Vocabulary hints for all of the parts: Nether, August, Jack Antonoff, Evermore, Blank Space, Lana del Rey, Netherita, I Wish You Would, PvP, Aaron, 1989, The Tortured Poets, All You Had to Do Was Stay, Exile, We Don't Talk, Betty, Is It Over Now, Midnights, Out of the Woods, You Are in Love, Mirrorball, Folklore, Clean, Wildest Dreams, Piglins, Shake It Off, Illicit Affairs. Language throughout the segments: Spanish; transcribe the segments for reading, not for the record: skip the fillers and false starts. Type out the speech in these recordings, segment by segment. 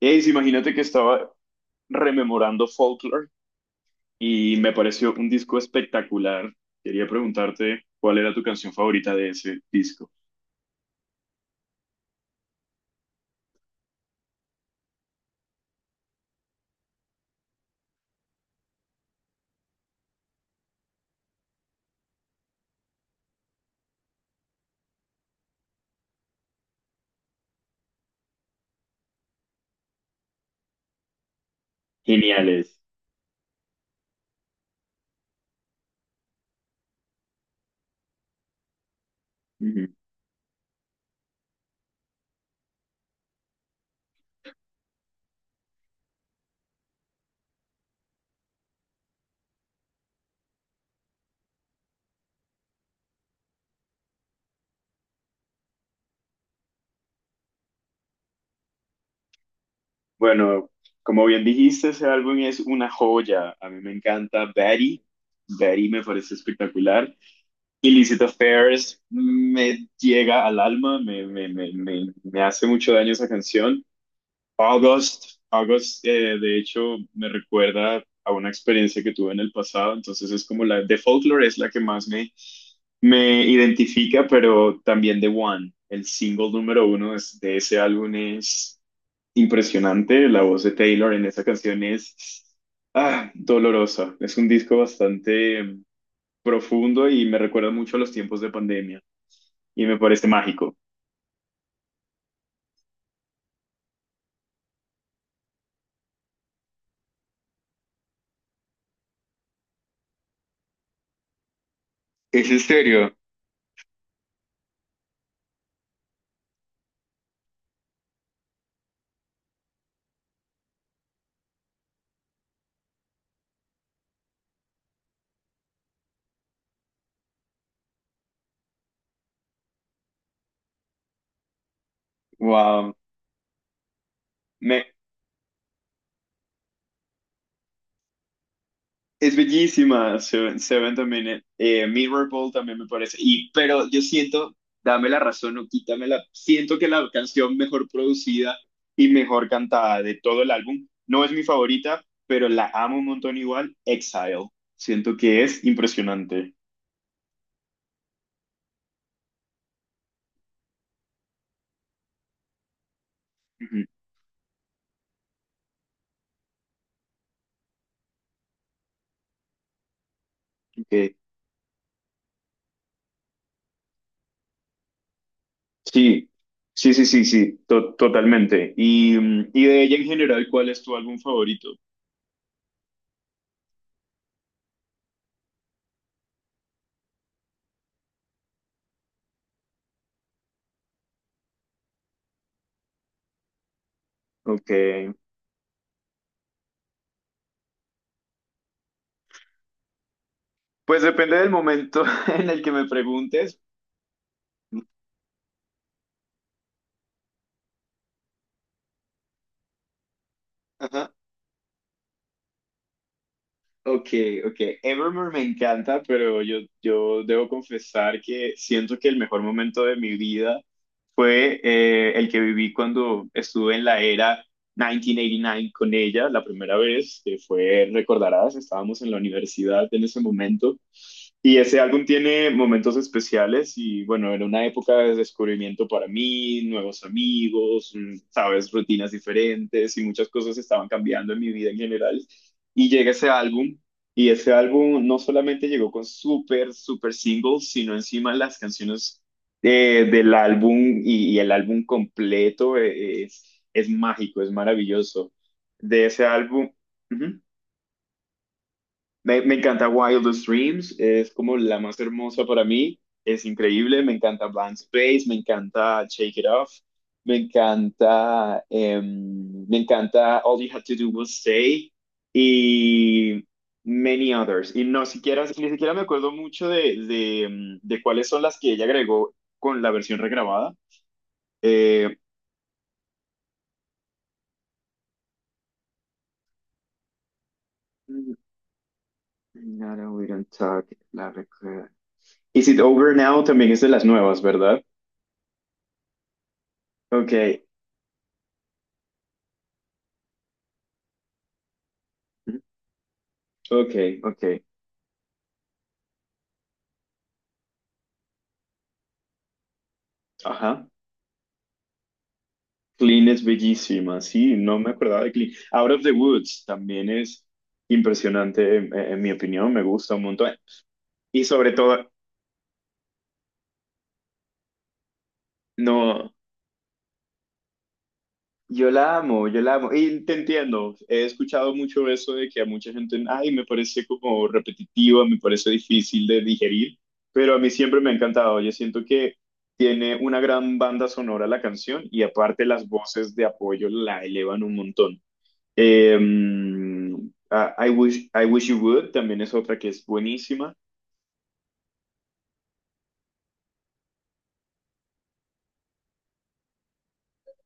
Ace, imagínate que estaba rememorando Folklore y me pareció un disco espectacular. Quería preguntarte cuál era tu canción favorita de ese disco. Geniales. Ujú. Bueno, como bien dijiste, ese álbum es una joya. A mí me encanta Betty. Betty me parece espectacular. Illicit Affairs me llega al alma, me hace mucho daño esa canción. August, August, de hecho, me recuerda a una experiencia que tuve en el pasado, entonces es como la de Folklore es la que más me identifica, pero también The One, el single número uno de ese álbum es impresionante, la voz de Taylor en esa canción es ah, dolorosa, es un disco bastante profundo y me recuerda mucho a los tiempos de pandemia y me parece mágico. ¿Es en serio? Wow. Me, es bellísima, Seven, Seven también, Mirror Mirrorball también me parece, y, pero yo siento, dame la razón o quítamela, siento que la canción mejor producida y mejor cantada de todo el álbum, no es mi favorita, pero la amo un montón igual, Exile, siento que es impresionante. Ujú, ok. Sí, sí, sí, sí, sí, totalmente. Y, y de ella en general, ¿cuál es tu álbum favorito? Ok, pues depende del momento en el que me preguntes. Ajá. Ok, ok. Evermore me encanta, pero yo debo confesar que siento que el mejor momento de mi vida fue el que viví cuando estuve en la era 1989 con ella la primera vez, que fue, recordarás, estábamos en la universidad en ese momento. Y ese álbum tiene momentos especiales y bueno, era una época de descubrimiento para mí, nuevos amigos, sabes, rutinas diferentes y muchas cosas estaban cambiando en mi vida en general. Y llega ese álbum y ese álbum no solamente llegó con súper, súper singles, sino encima las canciones del álbum y el álbum completo es mágico, es maravilloso. De ese álbum, ujú, me encanta Wildest Dreams, es como la más hermosa para mí, es increíble, me encanta Blank Space, me encanta Shake It Off, me encanta, me encanta All You Had to Do Was Stay y many others. Y no siquiera, ni siquiera me acuerdo mucho de cuáles son las que ella agregó con la versión regrabada, eh, nada, we don't talk, la recuerdo. Is it over now? También es de las nuevas, ¿verdad? Ok, ok, ok. Ajá. Clean es bellísima, sí, no me acordaba de Clean. Out of the Woods también es impresionante, en mi opinión, me gusta un montón. Y sobre todo, no. Yo la amo, yo la amo. Y te entiendo, he escuchado mucho eso de que a mucha gente, ay, me parece como repetitiva, me parece difícil de digerir, pero a mí siempre me ha encantado. Yo siento que tiene una gran banda sonora la canción y aparte las voces de apoyo la elevan un montón. Eh, I wish you would también es otra que es buenísima.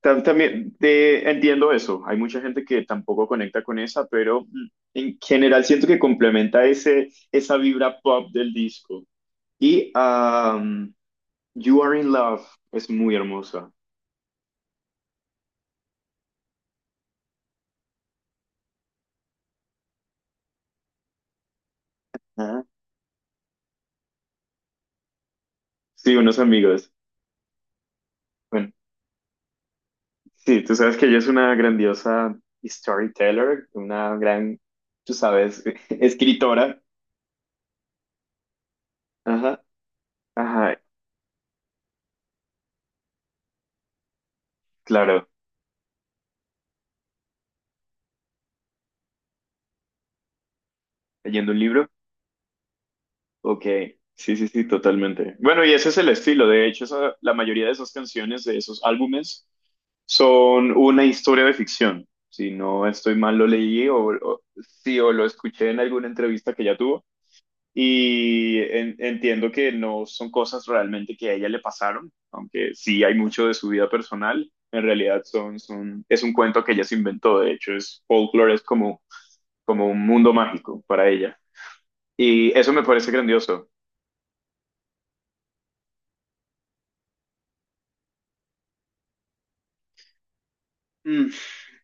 También te entiendo eso. Hay mucha gente que tampoco conecta con esa, pero en general siento que complementa ese, esa vibra pop del disco. Y You Are in Love es muy hermosa. Ajá. Sí, unos amigos. Bueno, sí, tú sabes que ella es una grandiosa storyteller, una gran, tú sabes, escritora. Ajá, ajá, claro, leyendo un libro. Ok, sí, sí, sí, totalmente. Bueno, y ese es el estilo. De hecho, la mayoría de esas canciones, de esos álbumes, son una historia de ficción. Si no estoy mal, lo leí o- sí, o lo escuché en alguna entrevista que ella tuvo. Y entiendo que no son cosas realmente que a ella le pasaron, aunque sí hay mucho de su vida personal. En realidad es un cuento que ella se inventó. De hecho, es folklore, es como, como un mundo mágico para ella. Y eso me parece grandioso.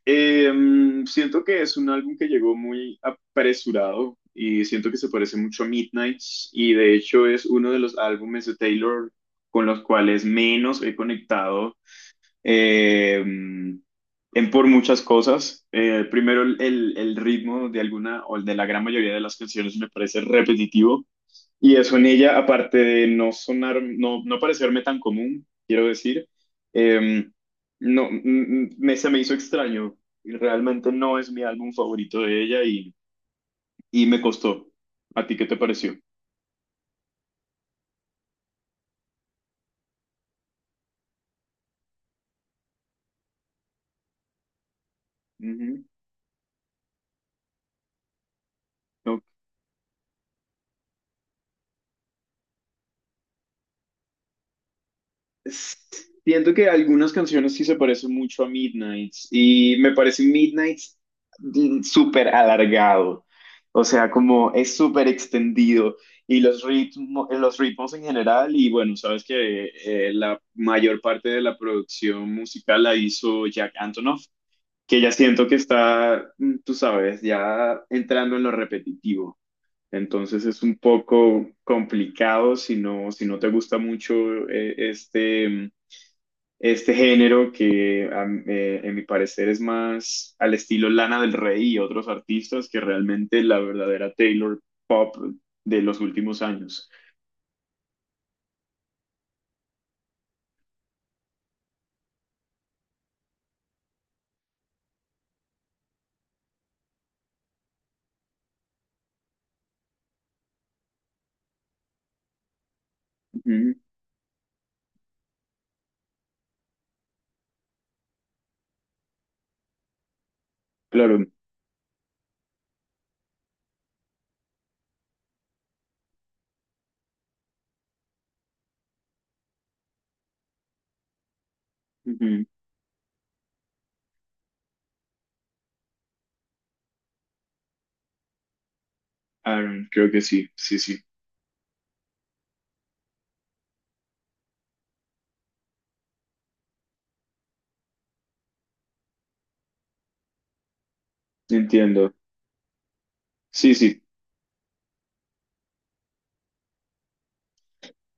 Eh, siento que es un álbum que llegó muy apresurado y siento que se parece mucho a Midnights y de hecho es uno de los álbumes de Taylor con los cuales menos he conectado eh, en por muchas cosas. Primero, el ritmo de alguna o de la gran mayoría de las canciones me parece repetitivo. Y eso en ella, aparte de no sonar, no parecerme tan común, quiero decir, em, no, mm, me, se me hizo extraño. Y realmente no es mi álbum favorito de ella y me costó. ¿A ti qué te pareció? Ujú, siento que algunas canciones sí se parecen mucho a Midnights y me parece Midnights súper alargado, o sea, como es súper extendido y los ritmos en general y bueno, sabes que la mayor parte de la producción musical la hizo Jack Antonoff, que ya siento que está, tú sabes, ya entrando en lo repetitivo. Entonces es un poco complicado si no, si no te gusta mucho este este género que en mi parecer es más al estilo Lana del Rey y otros artistas que realmente la verdadera Taylor Pop de los últimos años. Ujú, claro, ujú, Aaron, creo que sí, sí, sí, entiendo. Sí, sí,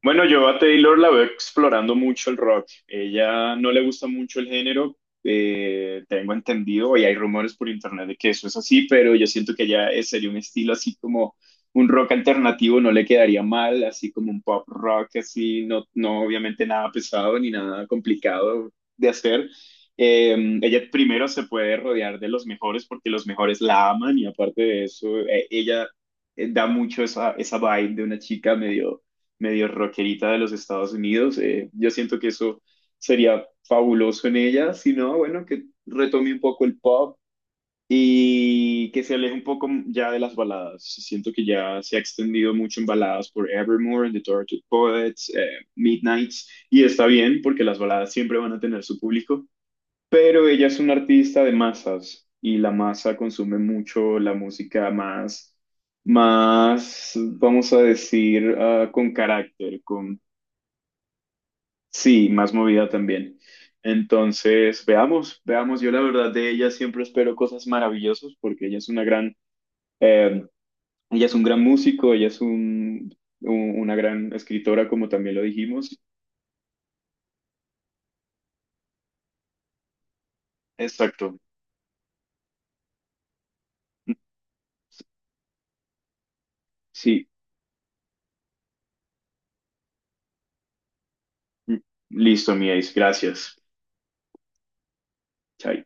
bueno, yo a Taylor la veo explorando mucho el rock. Ella no le gusta mucho el género, tengo entendido, y hay rumores por internet de que eso es así, pero yo siento que ya sería un estilo así como un rock alternativo, no le quedaría mal, así como un pop rock, así, no, no obviamente nada pesado ni nada complicado de hacer. Ella primero se puede rodear de los mejores porque los mejores la aman y aparte de eso, ella da mucho esa, esa vibe de una chica medio medio rockerita de los Estados Unidos. Yo siento que eso sería fabuloso en ella, si no, bueno, que retome un poco el pop y que se aleje un poco ya de las baladas. Siento que ya se ha extendido mucho en baladas por Evermore, The Tortured Poets, Midnights, y está bien porque las baladas siempre van a tener su público, pero ella es una artista de masas y la masa consume mucho la música más, más, vamos a decir, ah, con carácter, con, sí, más movida también. Entonces, veamos, veamos, yo la verdad de ella siempre espero cosas maravillosas porque ella es una gran, eh, ella es un gran músico, ella es una gran escritora, como también lo dijimos. Exacto. Sí, listo, mi Ace, gracias. Chai.